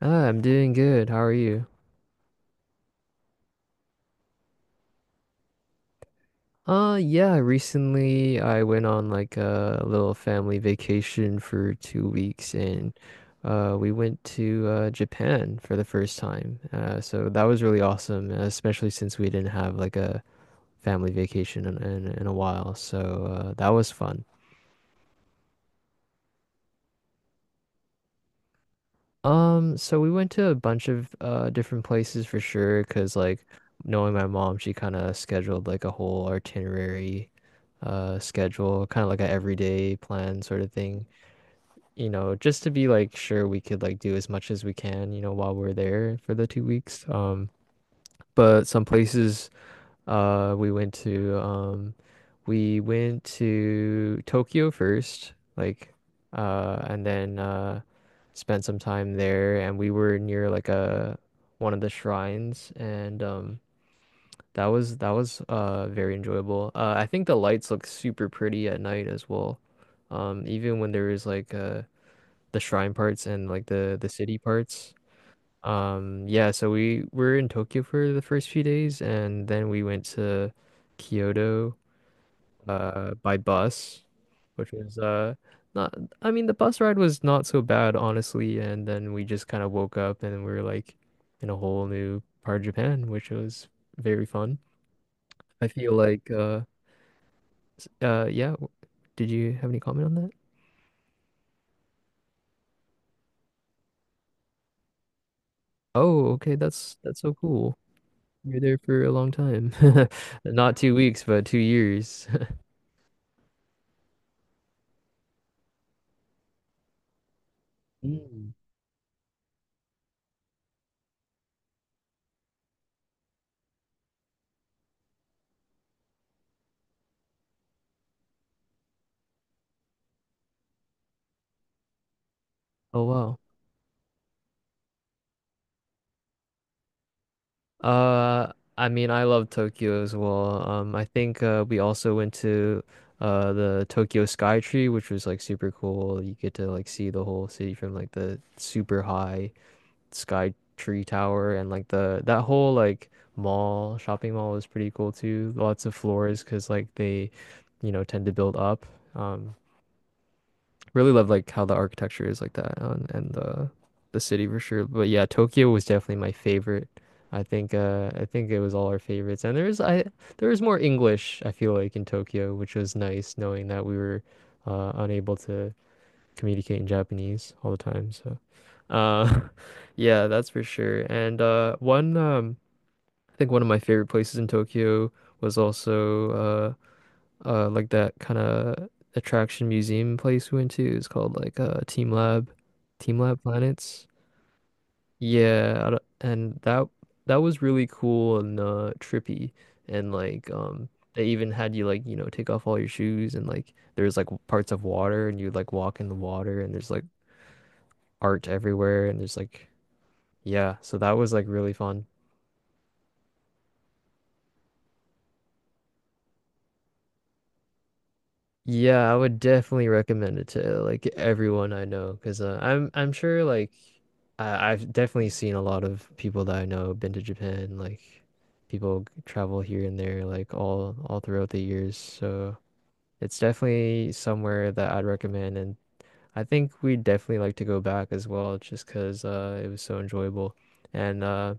I'm doing good. How are you? Yeah, recently I went on like a little family vacation for 2 weeks and we went to Japan for the first time. So that was really awesome, especially since we didn't have like a family vacation in a while. So that was fun. So we went to a bunch of different places for sure, 'cause like knowing my mom, she kind of scheduled like a whole itinerary schedule, kind of like a everyday plan sort of thing, you know, just to be like sure we could like do as much as we can, you know, while we're there for the 2 weeks. But some places uh, we went to um, we went to Tokyo first, like, and then spent some time there, and we were near like a one of the shrines, and that was very enjoyable. I think the lights look super pretty at night as well, even when there is like the shrine parts and like the city parts. Yeah, so we were in Tokyo for the first few days, and then we went to Kyoto by bus, which was not I mean the bus ride was not so bad honestly, and then we just kind of woke up and we were like in a whole new part of Japan, which was very fun. I feel like yeah, did you have any comment on that? Oh, okay, that's so cool. You're there for a long time. Not 2 weeks, but 2 years. Mm. Oh, wow. I mean, I love Tokyo as well. I think we also went to the Tokyo Sky Tree, which was like super cool. You get to like see the whole city from like the super high Sky Tree Tower, and like the that whole like mall shopping mall was pretty cool too. Lots of floors because like they, you know, tend to build up. Um, Really love like how the architecture is like that on and the city for sure. But yeah, Tokyo was definitely my favorite. I think it was all our favorites. And there was more English, I feel like, in Tokyo, which was nice knowing that we were unable to communicate in Japanese all the time. So uh yeah, that's for sure. And one I think one of my favorite places in Tokyo was also like that kind of attraction museum place we went to is called like Team Lab Team Lab Planets yeah I don't- and that was really cool and trippy and like they even had you like you know take off all your shoes and like there's like parts of water and you like walk in the water and there's like art everywhere and there's like yeah so that was like really fun. Yeah, I would definitely recommend it to like everyone I know because I'm sure like I've definitely seen a lot of people that I know have been to Japan. Like people travel here and there like all throughout the years. So it's definitely somewhere that I'd recommend, and I think we'd definitely like to go back as well, just because it was so enjoyable. And uh,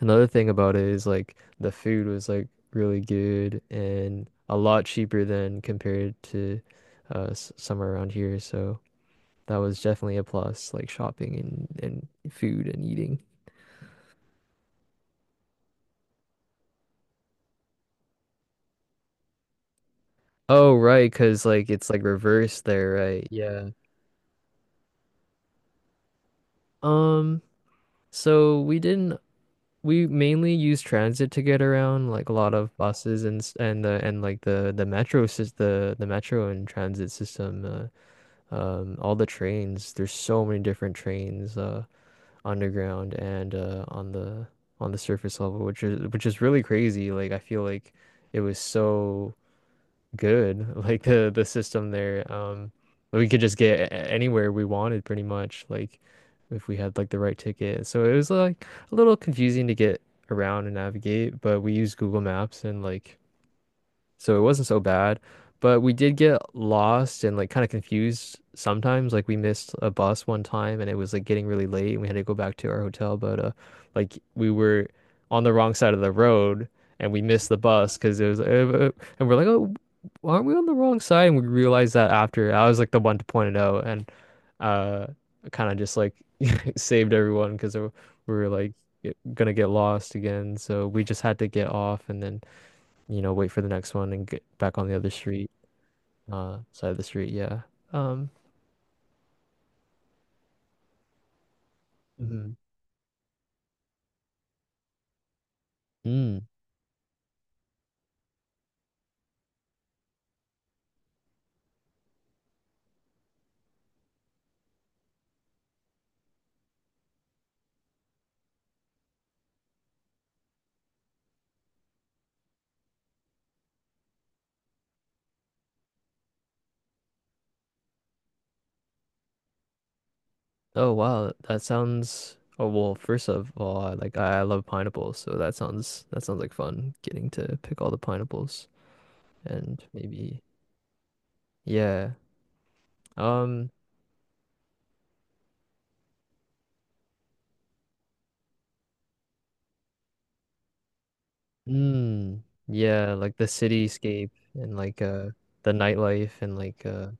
Another thing about it is like the food was like really good and a lot cheaper than compared to somewhere around here. So that was definitely a plus, like shopping and food and eating. Oh, right, 'cause like it's like reversed there, right? Yeah. Um, so we didn't we mainly use transit to get around, like a lot of buses and s- and the and like the metro sys the metro and transit system all the trains, there's so many different trains underground and on the surface level, which is really crazy. Like I feel like it was so good, like the system there. We could just get anywhere we wanted pretty much, like if we had like the right ticket. So it was like a little confusing to get around and navigate, but we used Google Maps and like so it wasn't so bad. But we did get lost and like kind of confused sometimes. Like we missed a bus one time and it was like getting really late and we had to go back to our hotel. But like we were on the wrong side of the road and we missed the bus because it was, and we're like, oh, aren't we on the wrong side? And we realized that after I was like the one to point it out and uh, kind of just like saved everyone because we were like gonna get lost again. So we just had to get off and then you know, wait for the next one and get back on the other street, side of the street. Yeah. Um, mhm. Mm. Oh, wow. That sounds, oh, well, first of all, I like, I love pineapples. So that sounds like fun getting to pick all the pineapples and maybe, yeah. Um, yeah, like the cityscape and like, the nightlife and like,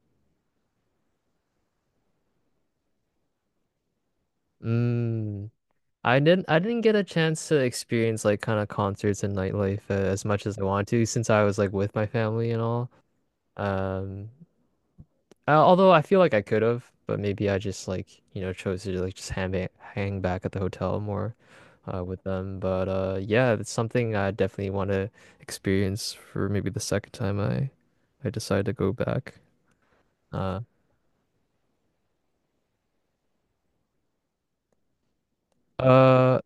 mm, I didn't get a chance to experience like kind of concerts and nightlife as much as I wanted to since I was like with my family and all. Um, although I feel like I could have, but maybe I just like you know chose to like just hang back at the hotel more with them. But yeah, it's something I definitely want to experience for maybe the second time I decide to go back. Uh, uh,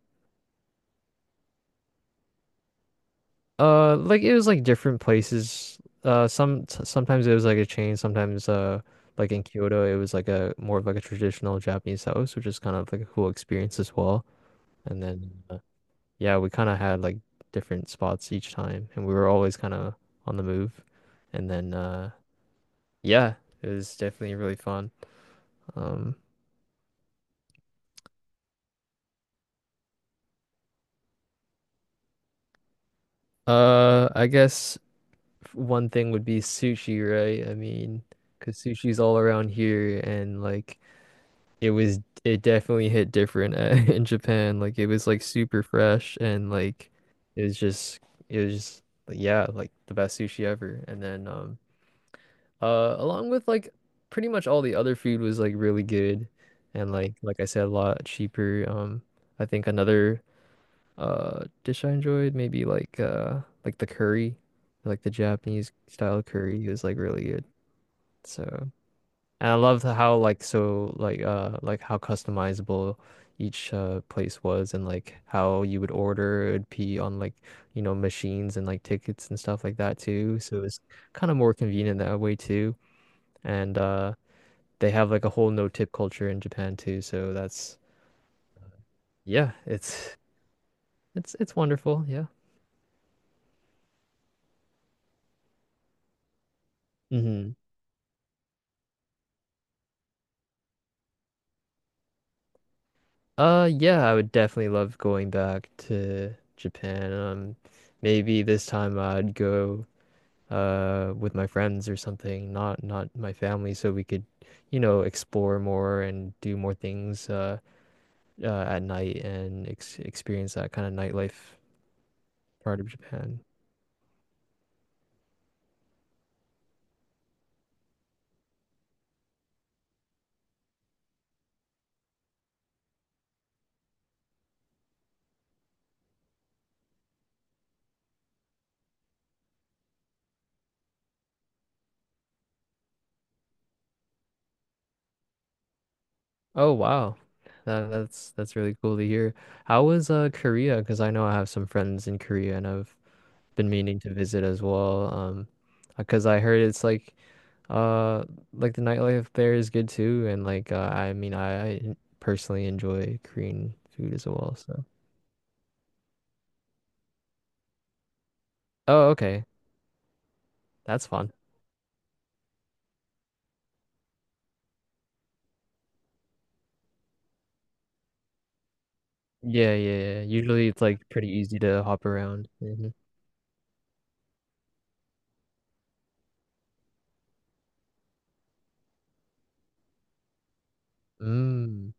Like it was like different places. Sometimes it was like a chain. Sometimes like in Kyoto, it was like a more of like a traditional Japanese house, which is kind of like a cool experience as well. And then yeah, we kind of had like different spots each time, and we were always kind of on the move. And then yeah, it was definitely really fun. Um, I guess one thing would be sushi, right? I mean, because sushi's all around here, and like it was it definitely hit different in Japan. Like it was like super fresh and like it was just it was just like, yeah, like the best sushi ever. And then along with like pretty much all the other food was like really good and like I said a lot cheaper. I think another dish I enjoyed maybe like the curry, like the Japanese style curry was like really good. So and I love how like so like how customizable each place was and like how you would order it'd be on like you know machines and like tickets and stuff like that too. So it's kind of more convenient that way too. And they have like a whole no-tip culture in Japan too. So that's yeah, it's wonderful, yeah. Hmm. Yeah, I would definitely love going back to Japan. Maybe this time I'd go with my friends or something, not not my family, so we could, you know, explore more and do more things at night and ex experience that kind of nightlife part of Japan. Oh wow. That's really cool to hear. How was Korea? Because I know I have some friends in Korea and I've been meaning to visit as well. Because I heard it's uh like the nightlife there is good too, and like I mean I personally enjoy Korean food as well. So. Oh, okay. That's fun. Yeah, yeah, yeah. Usually it's like pretty easy to hop around. Hmm. Mm.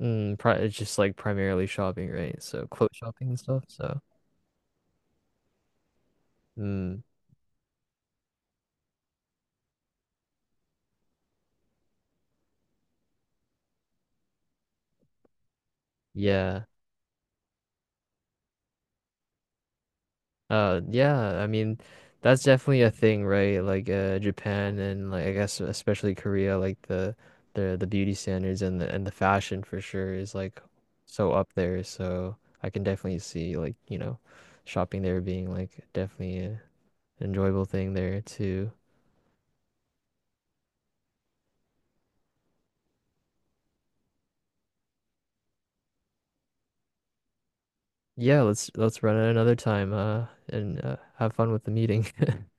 Mm. Pri It's just like primarily shopping, right? So clothes shopping and stuff. So, mm. Yeah. Yeah. I mean, that's definitely a thing, right? Like, Japan and like I guess especially Korea, like the beauty standards and the fashion for sure is like so up there. So I can definitely see like, you know, shopping there being like definitely enjoyable thing there too. Yeah, let's run it another time and have fun with the meeting.